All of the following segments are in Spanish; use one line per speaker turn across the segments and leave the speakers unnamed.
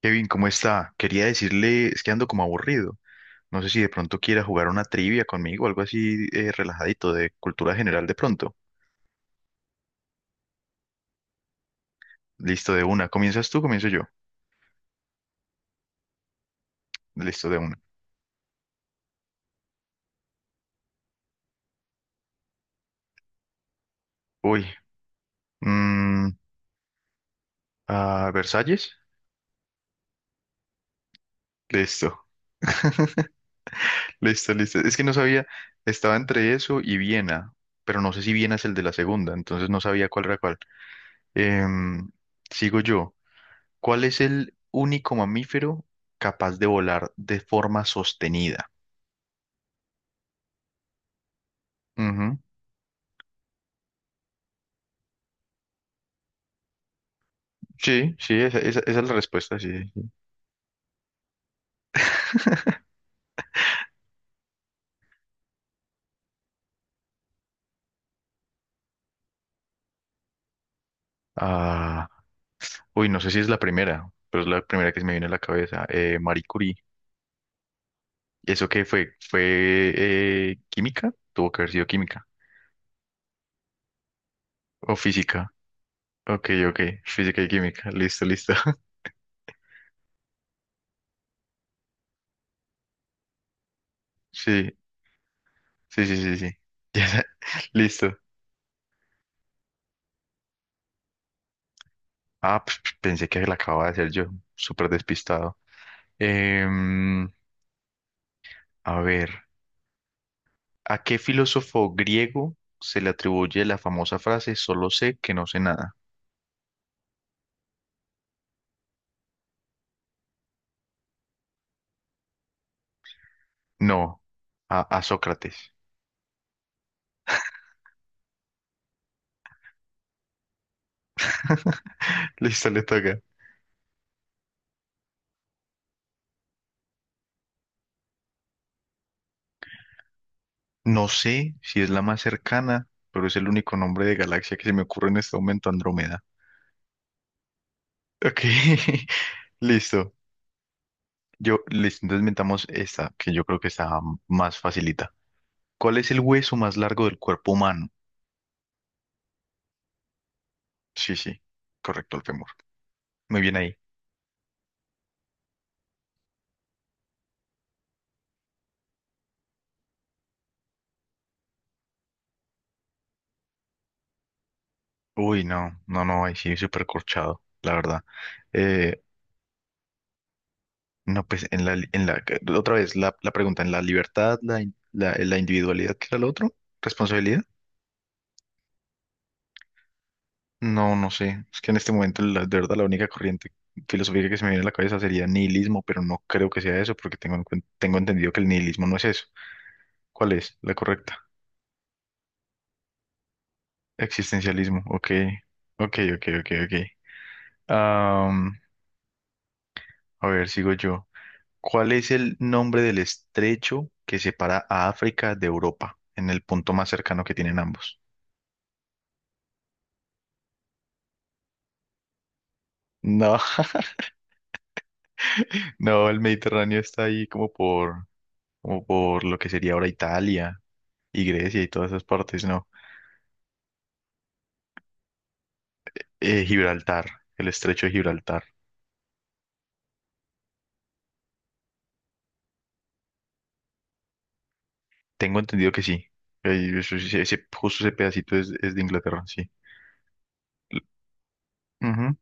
Kevin, ¿cómo está? Quería decirle, es que ando como aburrido. No sé si de pronto quiera jugar una trivia conmigo, algo así relajadito, de cultura general de pronto. Listo, de una. ¿Comienzas tú? ¿Comienzo yo? Listo, de una. Uy. Mm. ¿Versalles? Listo. Listo, listo. Es que no sabía, estaba entre eso y Viena, pero no sé si Viena es el de la segunda, entonces no sabía cuál era cuál. Em, sigo yo. ¿Cuál es el único mamífero capaz de volar de forma sostenida? Ujú. Sí, sí, esa es la respuesta, sí, sí, sí. Ah, uy, no sé si es la primera, pero es la primera que se me viene a la cabeza. Marie Curie. ¿Eso qué fue? ¿Fue química? Tuvo que haber sido química. ¿O física? Ok, ok. Física y química. Listo, listo. Sí, sí, sí, sí, sí. Ya, listo. Ah, pues, pensé que la acababa de hacer yo. Súper despistado. Em, a ver. ¿A qué filósofo griego se le atribuye la famosa frase solo sé que no sé nada? No, a Sócrates. Listo, le toca. No sé si es la más cercana, pero es el único nombre de galaxia que se me ocurre en este momento, Andrómeda. Ok, listo. Yo, listo, entonces inventamos esta, que yo creo que está más facilita. ¿Cuál es el hueso más largo del cuerpo humano? Sí, sí, correcto, el fémur. Muy bien ahí. Uy, no, no, no, ahí sí, súper corchado, la verdad. Eh, No, pues en la, otra vez, la pregunta, ¿en la libertad, la individualidad, qué era lo otro? ¿Responsabilidad? No, no sé. Es que en este momento, la, de verdad, la única corriente filosófica que se me viene a la cabeza sería nihilismo, pero no creo que sea eso, porque tengo entendido que el nihilismo no es eso. ¿Cuál es la correcta? Existencialismo, ok. Ok, ok, ok, ok. Am, a ver, sigo yo. ¿Cuál es el nombre del estrecho que separa a África de Europa en el punto más cercano que tienen ambos? No. No, el Mediterráneo está ahí como por lo que sería ahora Italia y Grecia y todas esas partes, ¿no? Gibraltar, el estrecho de Gibraltar. Tengo entendido que sí. Sí, justo ese pedacito es de Inglaterra, sí. L- ujú.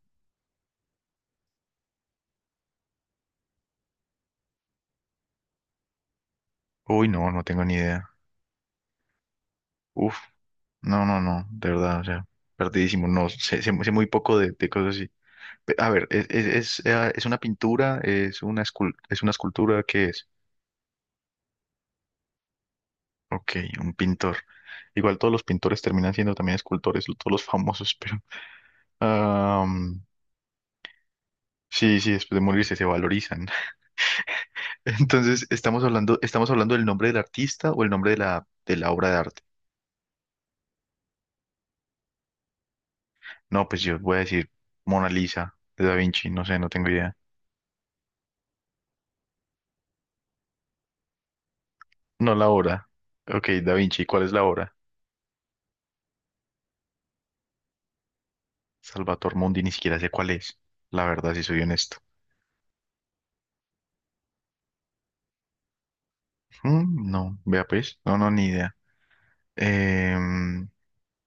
Uy, no, no tengo ni idea. Uf, no, no, no, de verdad, o sea, perdidísimo. No, sé muy poco de cosas así. Pe- a ver, es una pintura, es una escultura, ¿qué es? Ok, un pintor. Igual todos los pintores terminan siendo también escultores, todos los famosos, pero am, sí, sí, después de morirse se valorizan. Entonces, estamos hablando del nombre del artista o el nombre de la obra de arte. No, pues yo voy a decir Mona Lisa de Da Vinci, no sé, no tengo idea. No, la obra. Ok, Da Vinci, ¿cuál es la obra? Salvator Mundi, ni siquiera sé cuál es. La verdad, si soy honesto. Mm, no, vea pues, no, no, ni idea. Em,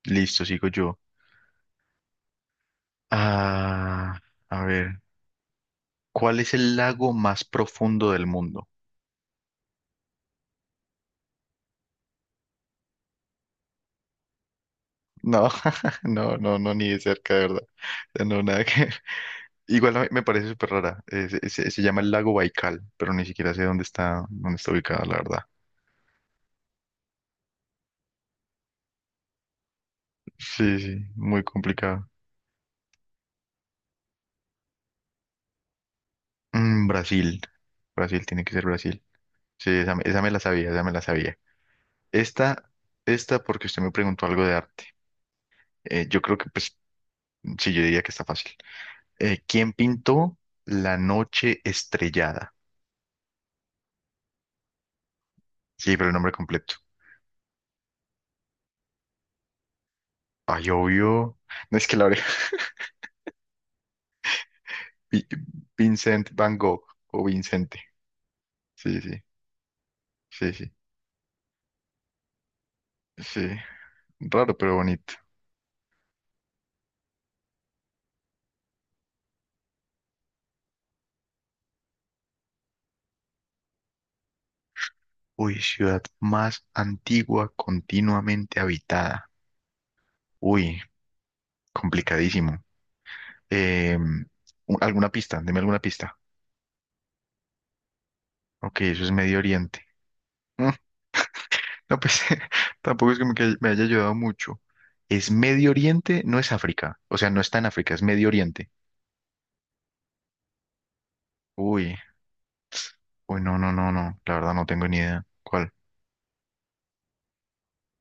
listo, sigo yo. Ah, a ver, ¿cuál es el lago más profundo del mundo? No, no, no, no, ni de cerca, de verdad. O sea, no, nada que ver. Igual a mí me parece súper rara. Se llama el lago Baikal, pero ni siquiera sé dónde está ubicado, la verdad. Sí, sí, muy complicado. Mm, Brasil. Brasil, tiene que ser Brasil. Sí, esa me la sabía, esa me la sabía. Esta, esta porque usted me preguntó algo de arte. Yo creo que, pues, sí, yo diría que está fácil. ¿Quién pintó La Noche Estrellada? Sí, pero el nombre completo. Ay, obvio. No es que la oreja. Vi- Vincent Van Gogh o Vincente. Sí, sí, sí, sí, sí. Raro, pero bonito. Uy, ciudad más antigua continuamente habitada. Uy, complicadísimo. Eh, ¿Alguna pista? Deme alguna pista. Ok, eso es Medio Oriente. No, pues tampoco es como que me haya ayudado mucho. Es Medio Oriente, no es África. O sea, no está en África, es Medio Oriente. Uy, uy, no, no, no, no. La verdad no tengo ni idea. ¿Cuál?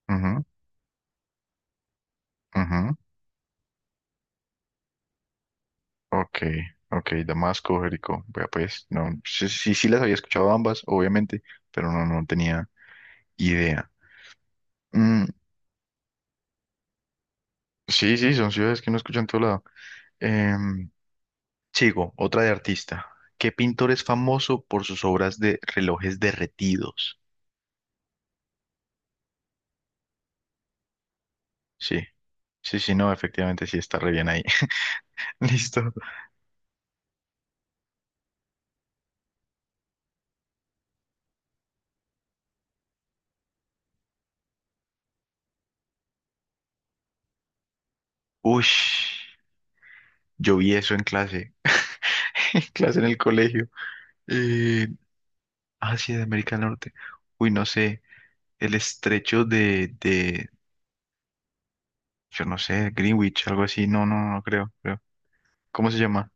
Ujú, ujú. Ok, ok, Damasco, Jericó. Vea, pues, no. Sí, sí, sí las había escuchado ambas, obviamente, pero no, no tenía idea. Mm, sí, sí, son ciudades que no escuchan en todo lado. Em, sigo, otra de artista. ¿Qué pintor es famoso por sus obras de relojes derretidos? Sí, sí, sí, no, efectivamente sí está re bien ahí. Listo. Ush, yo vi eso en clase, en clase en el colegio. Eh, Asia de América del Norte. Uy, no sé, el estrecho de, yo no sé, Greenwich, algo así. No, no, no creo, creo. ¿Cómo se llama?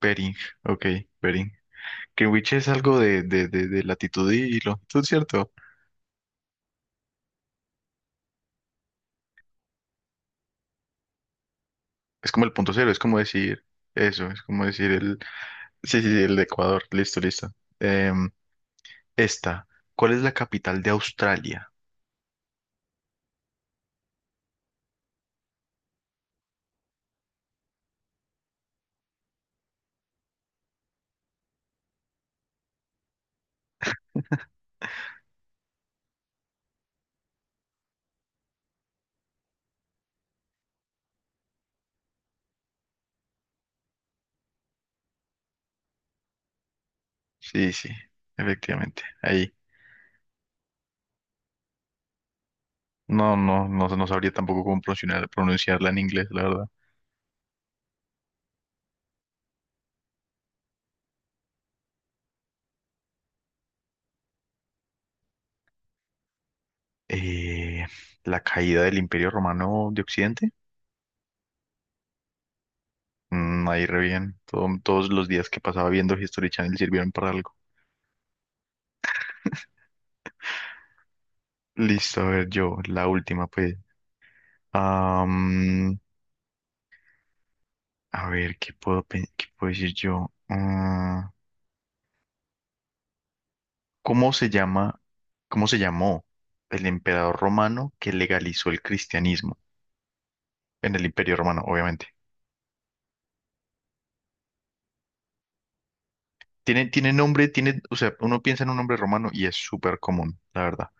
Bering, ok, Bering. Greenwich es algo de latitud y longitud, ¿cierto? Es como el punto cero, es como decir eso, es como decir el, sí, sí, sí, el de Ecuador, listo, listo. Em, Esta, ¿cuál es la capital de Australia? Sí, sí, efectivamente. Ahí. No, no, no, no sabría tampoco cómo pronunciarla en inglés, la verdad. Eh, la caída del Imperio Romano de Occidente. Mm, ahí re bien. Todos los días que pasaba viendo History Channel sirvieron para algo. Listo, a ver, yo, la última, pues. Am, a ver, ¿qué puedo decir yo? Ah, ¿cómo se llama, ¿cómo se llamó el emperador romano que legalizó el cristianismo en el Imperio Romano, obviamente? Tiene, tiene nombre, tiene, o sea, uno piensa en un nombre romano y es súper común, la verdad.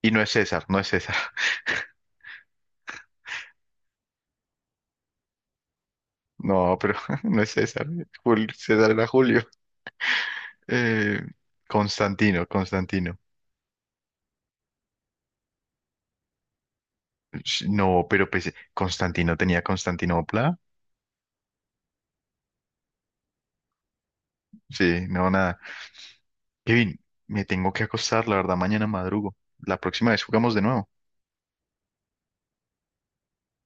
Y no es César, no es César. No, pero no es César. Jul- César era Julio. Eh, Constantino, Constantino. Sh- no, pero pues Constantino tenía Constantinopla. Sí, no, nada. Kevin, me tengo que acostar, la verdad, mañana madrugo. La próxima vez jugamos de nuevo.